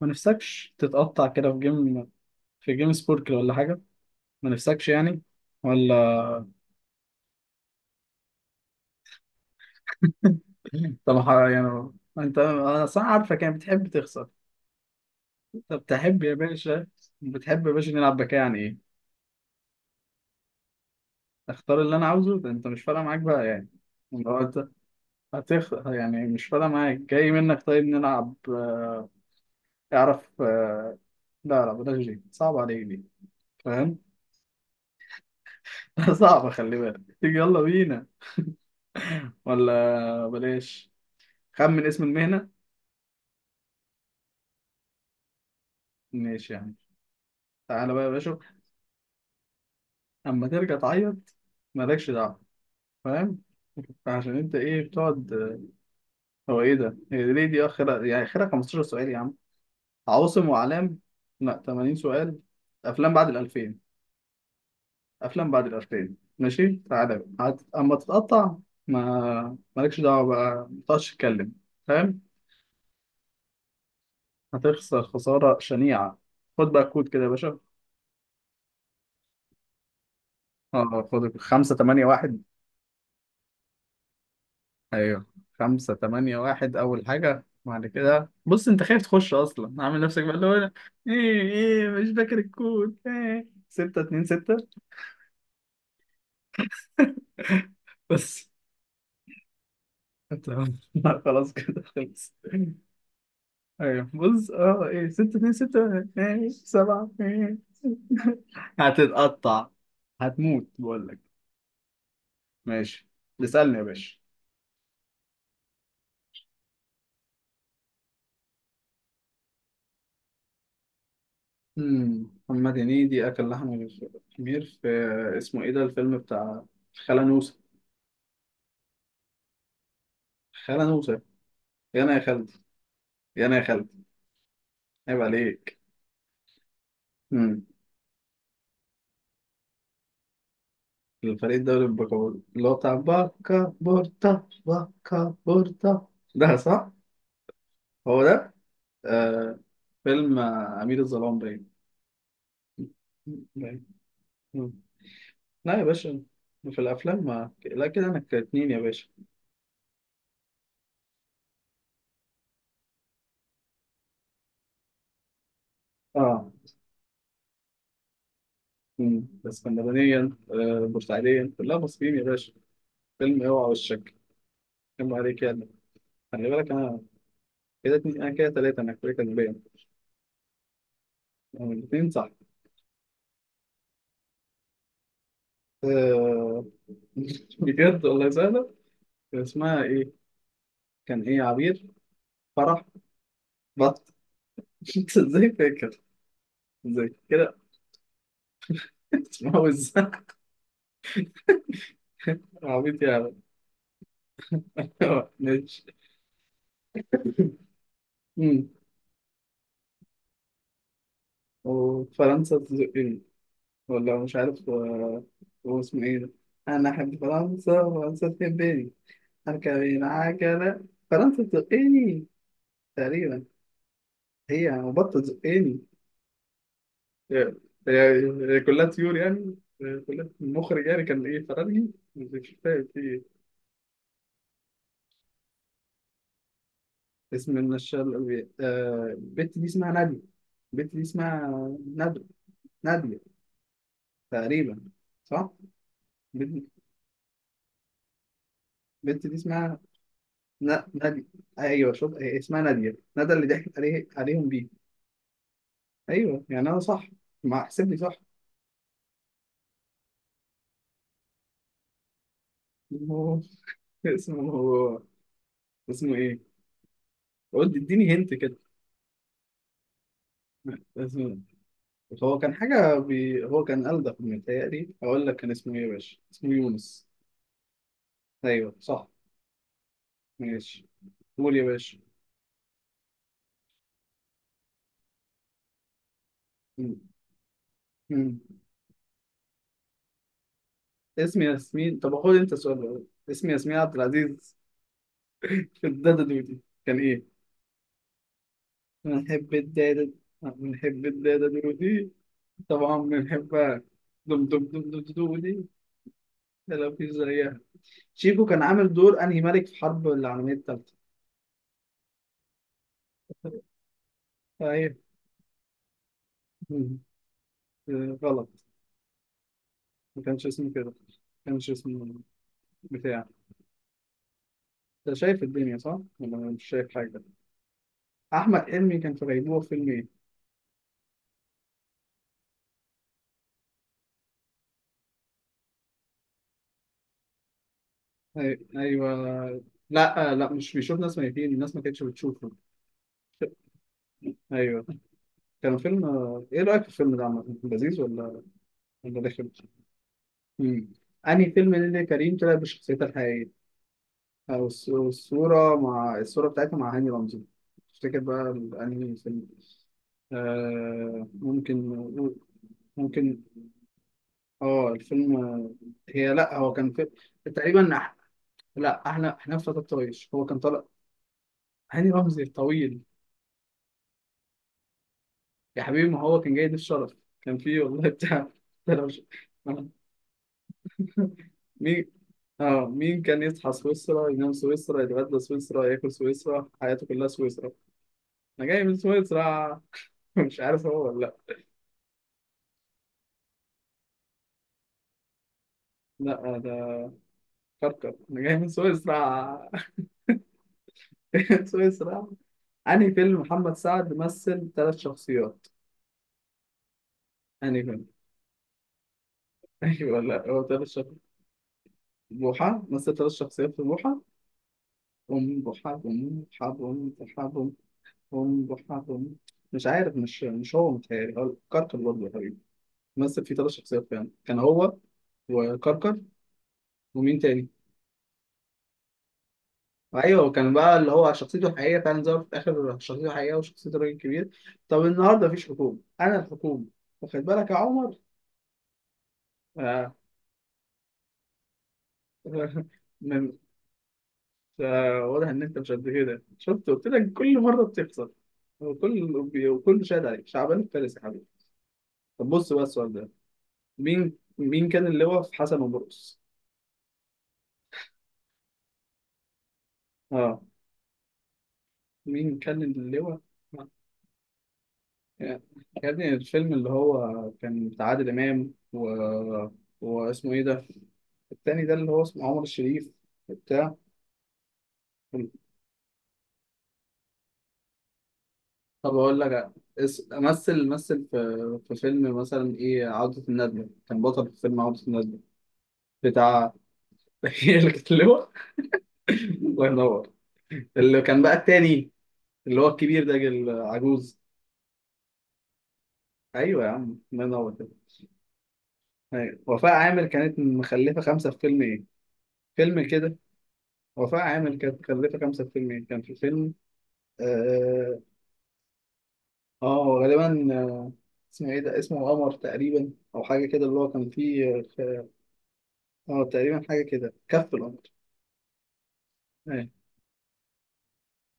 ما نفسكش تتقطع كده في جيم في جيم سبوركل ولا حاجة. ما نفسكش يعني ولا. طب يعني انت انا صح عارفك يعني بتحب تخسر. طب تحب يا باشا. بتحب يا باشا نلعب بك يعني ايه. اختار اللي انا عاوزه، ده انت مش فارقة معاك بقى يعني. لو انت يعني مش فارقة معاك جاي منك. طيب نلعب اعرف. لا لا بلاش، دي صعب عليك دي. فاهم؟ صعبة، خلي بالك. تيجي يلا بينا ولا بلاش؟ خمن اسم المهنة. ماشي يا عم، تعالى بقى يا باشا. اما ترجع تعيط مالكش دعوه. فاهم؟ عشان انت ايه بتقعد؟ هو ايه ده، هي ليه دي اخرها؟ يعني اخرها 15 سؤال يا عم. عواصم واعلام. لا 80 سؤال. افلام بعد ال 2000. افلام بعد ال 2000. ماشي تعالى بقى اما تتقطع. ما مالكش دعوه بقى، ما تقعدش تتكلم. فاهم؟ هتخسر خساره شنيعه. خد بقى كود كده يا باشا. اه خد 5 8 1. ايوه خمسة تمانية واحد. أول حاجة بعد كده بص، أنت خايف تخش أصلا، عامل نفسك بقى اللي هو أنا. إيه إيه مش فاكر الكود؟ إيه ستة اتنين ستة؟ بس. تمام لا، خلاص كده خلص. أيوه بص أه، إيه ستة اتنين ستة إيه سبعة إيه؟ هتتقطع، هتموت بقول لك. ماشي. اسألني يا باشا. محمد هنيدي أكل لحم الخمير في اسمه إيه ده الفيلم بتاع خالة نوسة؟ خالة نوسة. يا انا يا خالد. يا انا يا خالد. عيب عليك. امم الفريق الدوري البكابور اللي هو بتاع باكا بورتا باكا بورتا، ده صح، هو ده. آه. فيلم أمير الظلام باين. باين. مم. لا يا باشا، في الأفلام ما لا كده أنا كاتنين يا باشا. اه. اسكندرانيا آه، بورسعيديا، كلها مصريين يا باشا. فيلم اوعى وشك. كم عليك يعني. خلي بالك أنا. كده اتنين أنا، كده تلاتة أنا، كده كان باين. الاتنين صح. آه بجد والله سهلة. كان اسمها ايه؟ كان ايه، عبير؟ فرح؟ بط. انت ازاي فاكر؟ ازاي كده؟ اسمها وزة. عبيط يعني. ماشي. أمم. وفرنسا تزقني، ولا مش عارف. هو اسمه ايه ده؟ انا احب فرنسا، فرنسا تحبني، اركب العجلة، فرنسا تزقني. تقريبا. هي بط تزقني. هي هي كلها طيور يعني. هي كلها المخرج يعني كان ايه، فرنسي مش فاهم في إيه. اسم من الشر. آه، البت دي اسمها نادية. البت دي اسمها نادية. نادية. تقريبا. صح؟ البت، البت دي اسمها نادية. ايوه شوف، هي اسمها نادية، ندى اللي ضحكت عليه عليهم بيه. ايوه يعني انا صح. ما احسبني صح. هو- اسمه. اسمه ايه؟ قلت اديني هنت كده. اسمه. هو كان هو كان ألدغ، متهيألي أقول لك كان اسمه إيه يا باشا؟ اسمه يونس. أيوه صح. ماشي. قول يا باشا. مم. مم. اسمي ياسمين، طب خد انت السؤال ده. اسمي ياسمين عبد العزيز في الدادا دودي كان ايه؟ بنحب الدادا، بنحب الدادا دودي، طبعا بنحبها. دم دم دم دم دودي. ده لو في زيها. شيكو كان عامل دور انهي ملك في حرب العالمية التالتة؟ ايوه. مم. غلط. ما كانش اسمه كده. ما كانش اسمه بتاع. انت شايف الدنيا صح؟ ولا مش شايف حاجة؟ أحمد حلمي كان في غيبوبة في فيلم إيه؟ ايوه. لا لا، مش بيشوف ناس ميتين، الناس ما كانتش بتشوفه. ايوه. كان فيلم ايه رايك في الفيلم ده عامه، لذيذ ولا ولا رخم؟ امم انهي فيلم اللي كريم طلع بشخصيتها الحقيقيه؟ او الصوره مع الصوره بتاعتها مع هاني رمزي؟ تفتكر بقى انهي فيلم؟ آه ممكن نقول- ممكن. اه الفيلم، هي لا هو كان في... تقريبا لا احنا، احنا في فتى الطايش هو كان طالع. هاني رمزي الطويل. يا حبيبي ما هو كان جاي ضيف شرف كان فيه والله بتاع. ده لو مين؟ اه مين كان يصحى سويسرا، ينام سويسرا، يتغدى سويسرا، ياكل سويسرا، حياته كلها سويسرا، انا جاي من سويسرا. مش عارف هو ولا لا. لا ده كركر. انا جاي من سويسرا. سويسرا. انهي فيلم محمد سعد مثل ثلاث شخصيات؟ انهي فيلم؟ ايوه لا هو ثلاث شخصيات. بوحة. مثل ثلاث شخصيات في بوحة. أم بوحة، أم بوحة، أم بوحة. هم بحبهم. مش عارف، مش مش هو متهيألي هو كركر برضه يا حبيبي. مثل فيه ثلاث شخصيات فعلا كان هو وكركر ومين تاني؟ ايوه كان بقى اللي هو شخصيته الحقيقيه فعلا ظهرت في اخر شخصيته الحقيقيه، وشخصيه الراجل الكبير. طب النهارده مفيش حكومه، انا الحكومه. واخد بالك يا عمر؟ آه. من- واضح ان انت مش قد كده، شفت قلت لك كل مره بتخسر. وكل وكل شاهد عليك شعبان فارس يا حبيبي. طب بص بقى السؤال ده. مين كان اللي هو في حسن ومرقص؟ اه مين كان اللواء؟ يا يا ابني الفيلم اللي هو كان بتاع عادل إمام و... واسمه إيه ده؟ التاني ده اللي هو اسمه عمر الشريف بتاع. طب أقول لك. مثل في فيلم مثلا إيه، عودة الندلة، كان بطل في فيلم عودة الندلة بتاع. هي اللي كانت اللواء. الله ينور. اللي كان بقى التاني، اللي هو الكبير ده العجوز. أيوه يا عم، الله ينور كده. أيوة. وفاء عامر كانت مخلفة خمسة في فيلم إيه؟ فيلم كده. وفاء عامل كانت مكلفة خمسة فيلم إيه؟ كان في فيلم آه, آه غالبا آه. اسمه إيه ده، اسمه قمر تقريبا أو حاجة كده اللي هو كان فيه. آه. تقريبا حاجة كده، كف القمر. أيوه.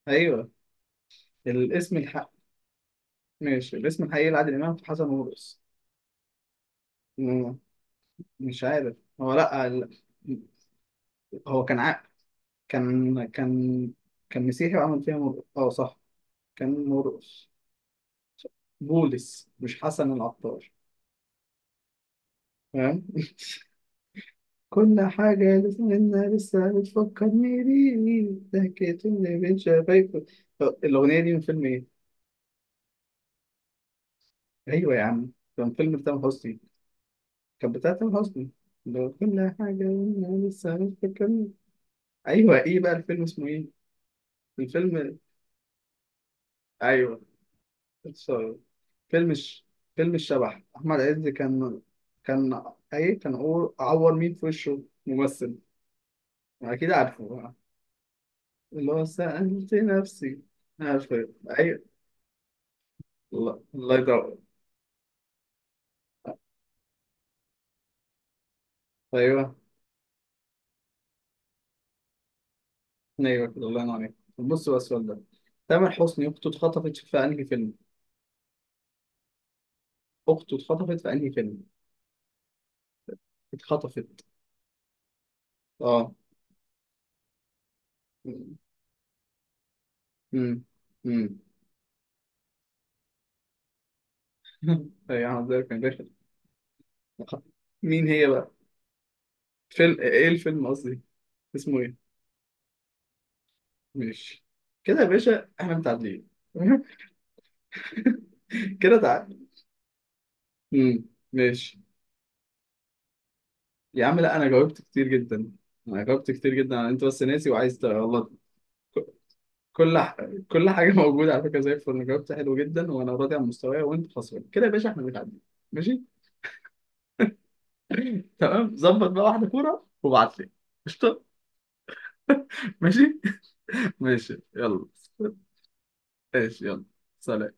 أيوه. الاسم الحق. ماشي، الاسم الحقيقي لعادل إمام في حسن ومرقص. مم، مش عارف هو لأ هو كان كان كان كان مسيحي وعمل فيها مرقص، آه صح. كان مرقص بولس مش حسن العطار. فاهم؟ كل حاجة لسنا لسه بتفكرني بيه، ضحكت اللي بين شفايفه. طب الأغنية دي من فيلم إيه؟ أيوة يا عم، كان فيلم تامر حسني. كان بتاع تامر حسني. لو كل حاجة لسنا لسه بتفكرني. أيوة إيه بقى الفيلم، اسمه إيه؟ الفيلم. أيوة. sorry. فيلم الش... فيلم الشبح، أحمد عز كان. كان. أي كان أعور مين في وشه ممثل. أكيد عارفه بقى، اللي هو سألت نفسي. عارفه. أيوة. الله، الله يدعوك. ايوه. ايوه كده، الله ينور عليك. بص بقى السؤال ده. تامر حسني اخته اتخطفت في انهي فيلم؟ اخته اتخطفت في انهي فيلم؟ اتخطفت. اه. امم امم ايوه احمد زاهر كان داخل. مين هي بقى؟ فيلم ايه الفيلم قصدي؟ اسمه ايه؟ ماشي، كده يا باشا احنا متعادلين. كده تعادل. امم ماشي. يا عم لا انا جاوبت كتير جدا. انا جاوبت كتير جدا، انت بس ناسي وعايز تغلط. كل ح... كل حاجه موجوده على فكره زي الفل. أنا جاوبت حلو جدا وانا راضي عن مستواي، وانت خسران كده يا باشا. احنا متعادلين. ماشي. تمام، ظبط بقى واحده كوره وابعت لي. قشطه. ماشي. ماشي يلا. ماشي يلا. سلام.